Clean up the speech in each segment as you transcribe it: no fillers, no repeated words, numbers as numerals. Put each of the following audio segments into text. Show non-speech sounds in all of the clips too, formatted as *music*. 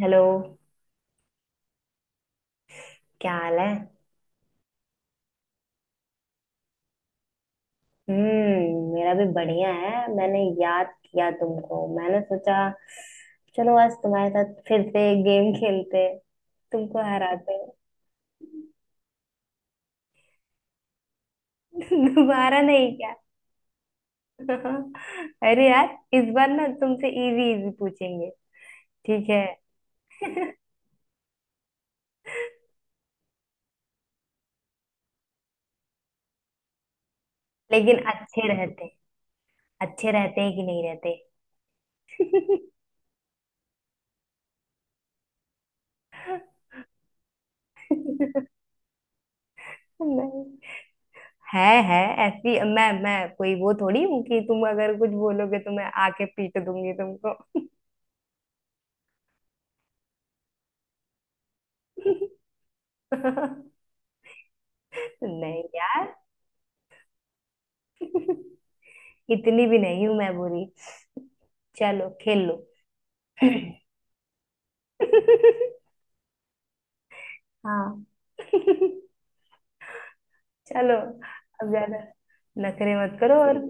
Hello. क्या हाल है। हम्म। मेरा भी बढ़िया है। मैंने याद किया तुमको। मैंने सोचा चलो आज तुम्हारे साथ फिर से एक गेम खेलते। तुमको हराते। *laughs* दोबारा नहीं क्या। *laughs* अरे यार इस बार ना तुमसे इजी इजी पूछेंगे। ठीक है। लेकिन अच्छे रहते। अच्छे रहते हैं कि नहीं रहते। *laughs* नहीं। है। है। ऐसी मैं कोई वो थोड़ी हूँ कि तुम अगर कुछ बोलोगे तो मैं आके पीट दूंगी तुमको। *laughs* *laughs* नहीं यार। *laughs* इतनी भी नहीं हूं मैं बुरी। चलो खेल लो। *laughs* हाँ। *laughs* चलो। अब ज्यादा नखरे मत करो और।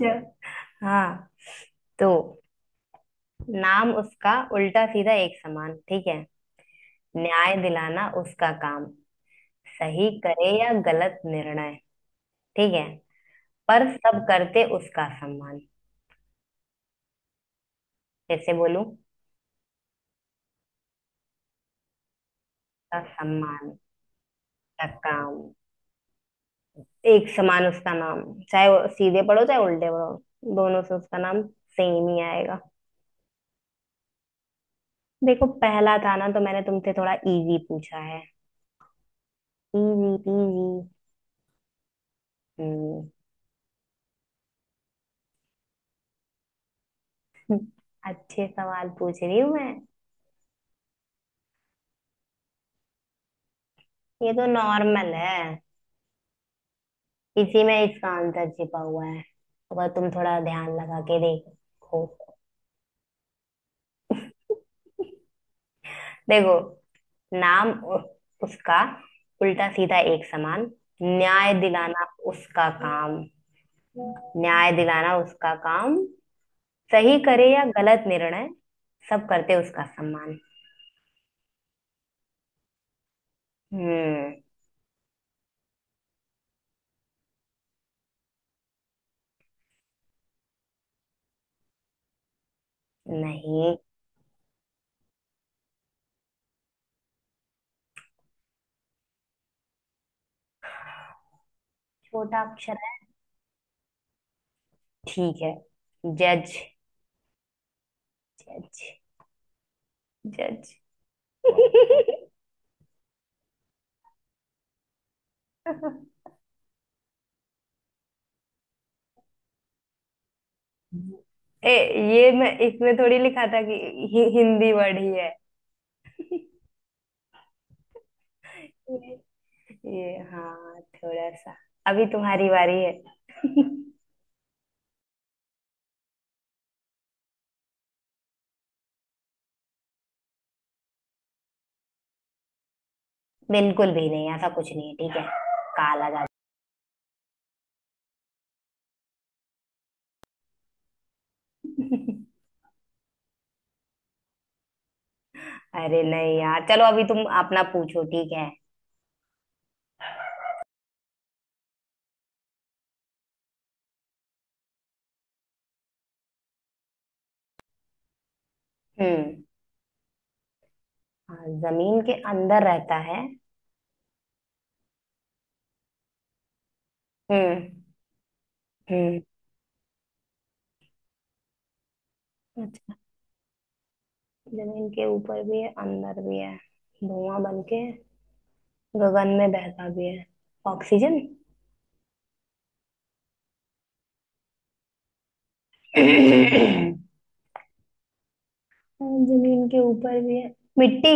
जा। हाँ। तो नाम उसका उल्टा सीधा एक समान ठीक है। न्याय दिलाना उसका काम। सही करे या गलत निर्णय ठीक है। पर सब करते उसका सम्मान। कैसे बोलूं। उसका सम्मान का काम। एक समान उसका नाम। चाहे वो सीधे पढ़ो चाहे उल्टे पढ़ो दोनों से उसका नाम सेम ही आएगा। देखो पहला था ना तो मैंने तुमसे थोड़ा इजी पूछा है। Easy peasy. हम्म। *laughs* अच्छे सवाल पूछ रही हूँ मैं। ये तो नॉर्मल है। इसी में इसका आंसर छिपा हुआ है अगर तुम थोड़ा ध्यान लगा के देखो। देखो नाम उसका उल्टा सीधा एक समान। न्याय दिलाना उसका काम। न्याय दिलाना उसका काम। सही करे या गलत निर्णय। सब करते उसका सम्मान। हम्म। नहीं। छोटा अक्षर है। ठीक है। जज। जज। जज। *laughs* ए ये मैं इसमें थोड़ी लिखा था कि हिंदी वर्ड ही है। *laughs* ये, ये हाँ थोड़ा सा। अभी तुम्हारी बारी है। *laughs* बिल्कुल भी नहीं ऐसा कुछ नहीं है ठीक है। काला जादू। *laughs* अरे नहीं यार चलो अभी तुम अपना पूछो ठीक है। हम्म। हाँ जमीन के अंदर रहता है। हम्म। हम्म। अच्छा। जमीन के ऊपर भी है अंदर भी है। धुआं बन के गगन में बहता भी है। ऑक्सीजन। *clears throat* जमीन के ऊपर भी है। मिट्टी।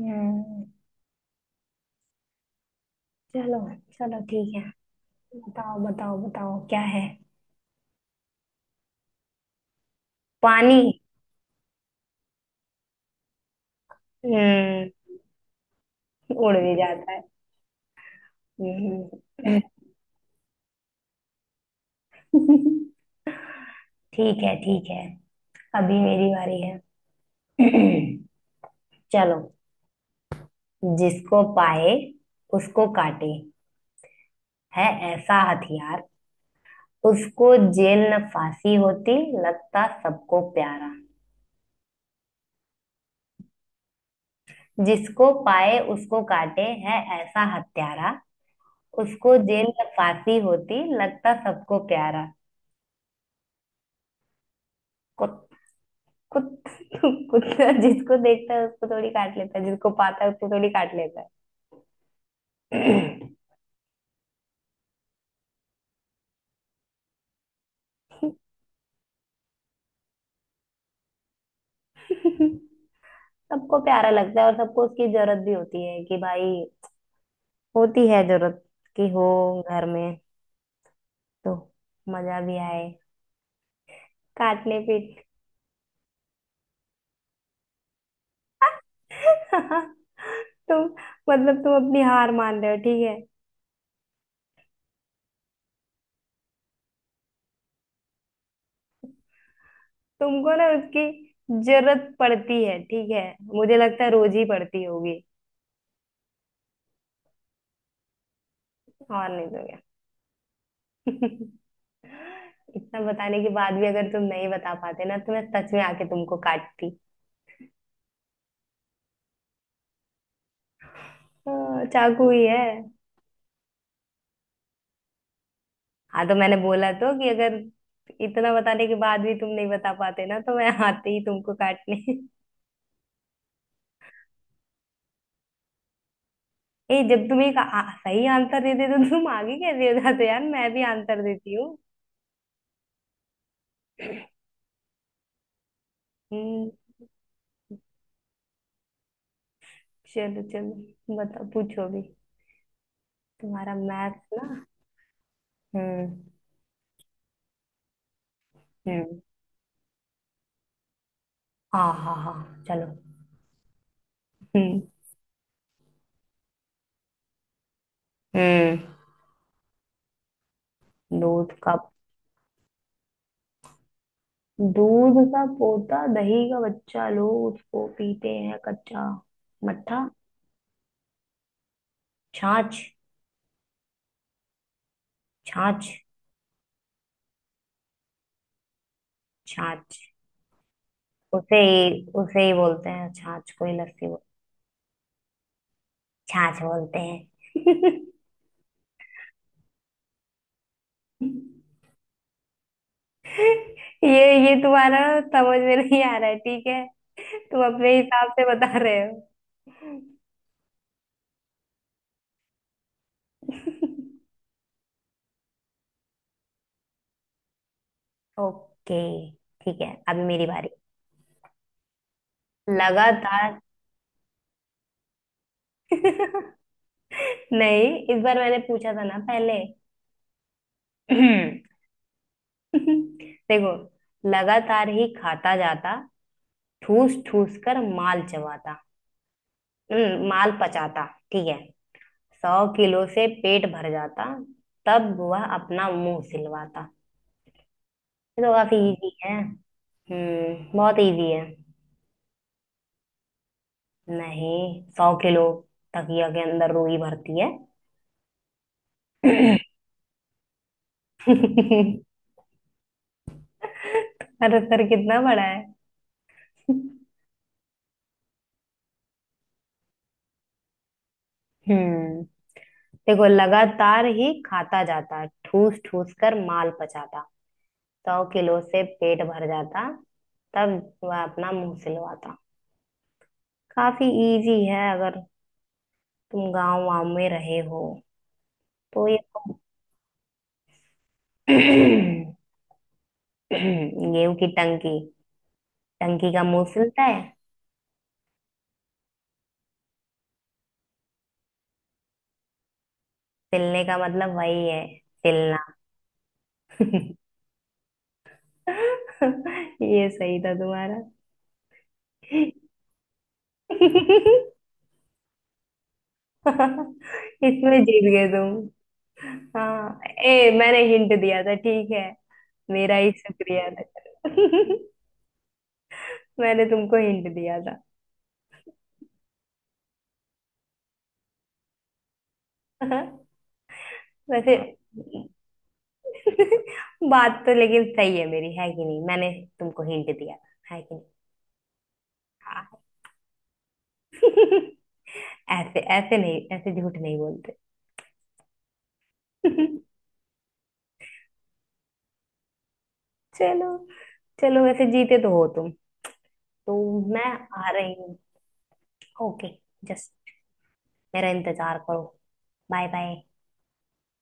हम्म। चलो। चलो ठीक है। बताओ बताओ बताओ क्या है। पानी। हम्म। उड़ भी जाता है। हम्म। *laughs* ठीक है ठीक है। अभी मेरी बारी है। *clears throat* चलो। जिसको पाए उसको काटे। है ऐसा हथियार। उसको जेल न फांसी होती लगता सबको प्यारा। जिसको पाए उसको काटे है ऐसा हत्यारा। उसको जेल न फांसी होती लगता सबको प्यारा। कुत कुत कुत्ता जिसको देखता है उसको थोड़ी काट लेता है। जिसको पाता है उसको थोड़ी काट लेता है। *clears throat* *laughs* सबको प्यारा लगता है और सबको उसकी जरूरत भी होती है कि भाई। होती है जरूरत कि हो घर में तो मजा भी आए काटने पीट। *laughs* तुम मतलब तुम अपनी हार मान रहे हो ठीक है। तुमको ना उसकी जरूरत पड़ती है ठीक है। मुझे लगता है रोज ही पड़ती होगी। और नहीं तो क्या। *laughs* इतना बताने के बाद भी अगर तुम नहीं बता पाते ना तो मैं सच में आके तुमको काटती। हाँ, चाकू ही है। हाँ तो मैंने बोला तो कि अगर इतना बताने के बाद भी तुम नहीं बता पाते ना तो मैं आते ही तुमको काटने। ए जब तुम एक सही आंसर देते तो तुम आगे कैसे हो जाते यार मैं भी आंसर देती हूँ। हम्म। चलो चलो बताओ पूछो अभी। तुम्हारा मैथ्स ना। हम्म। हम्म। हाँ हाँ हाँ चलो। हम्म। हम्म। दूध का दूध का पोता दही का बच्चा लोग उसको पीते हैं कच्चा। मट्ठा। छाछ। छाछ। छाछ। उसे ही बोलते हैं छाछ को ही लस्सी बोल। छाछ बोलते हैं। *laughs* ये तुम्हारा समझ में नहीं आ रहा है ठीक है। तुम अपने हिसाब से बता रहे। हो ओके। ठीक है अभी मेरी बारी। लगातार। *laughs* नहीं इस बार मैंने पूछा था ना पहले। *clears throat* देखो लगातार ही खाता जाता ठूस ठूस कर माल चबाता। माल पचाता ठीक है। सौ किलो से पेट भर जाता। तब वह अपना मुंह सिलवाता। ये तो काफी इजी है। बहुत इजी है। नहीं। सौ किलो। तकिया के अंदर रूई भरती है। तुम्हारा सर कितना बड़ा है। हम्म। देखो लगातार ही खाता जाता ठूस ठूस कर माल पचाता। सौ किलो से पेट भर जाता। तब वह अपना मुंह सिलवाता। काफी इजी है अगर तुम गांव वाँव में रहे हो तो ये तो। *coughs* *clears throat* गेहूं की टंकी। टंकी का मुंह सिलता है। सिलने का मतलब वही है। सिलना। *laughs* ये सही था तुम्हारा। *laughs* इसमें जीत गए तुम। हाँ। ए मैंने हिंट दिया था ठीक है। मेरा ही शुक्रिया था। *laughs* मैंने तुमको हिंट दिया था। *laughs* वैसे। *laughs* बात तो लेकिन सही है मेरी है कि नहीं। मैंने तुमको हिंट दिया था है कि नहीं। हाँ। *laughs* ऐसे ऐसे नहीं ऐसे झूठ नहीं बोलते। *laughs* चलो। चलो वैसे जीते तो हो तुम तो। मैं आ रही हूँ। ओके। जस्ट मेरा इंतजार करो। Bye bye.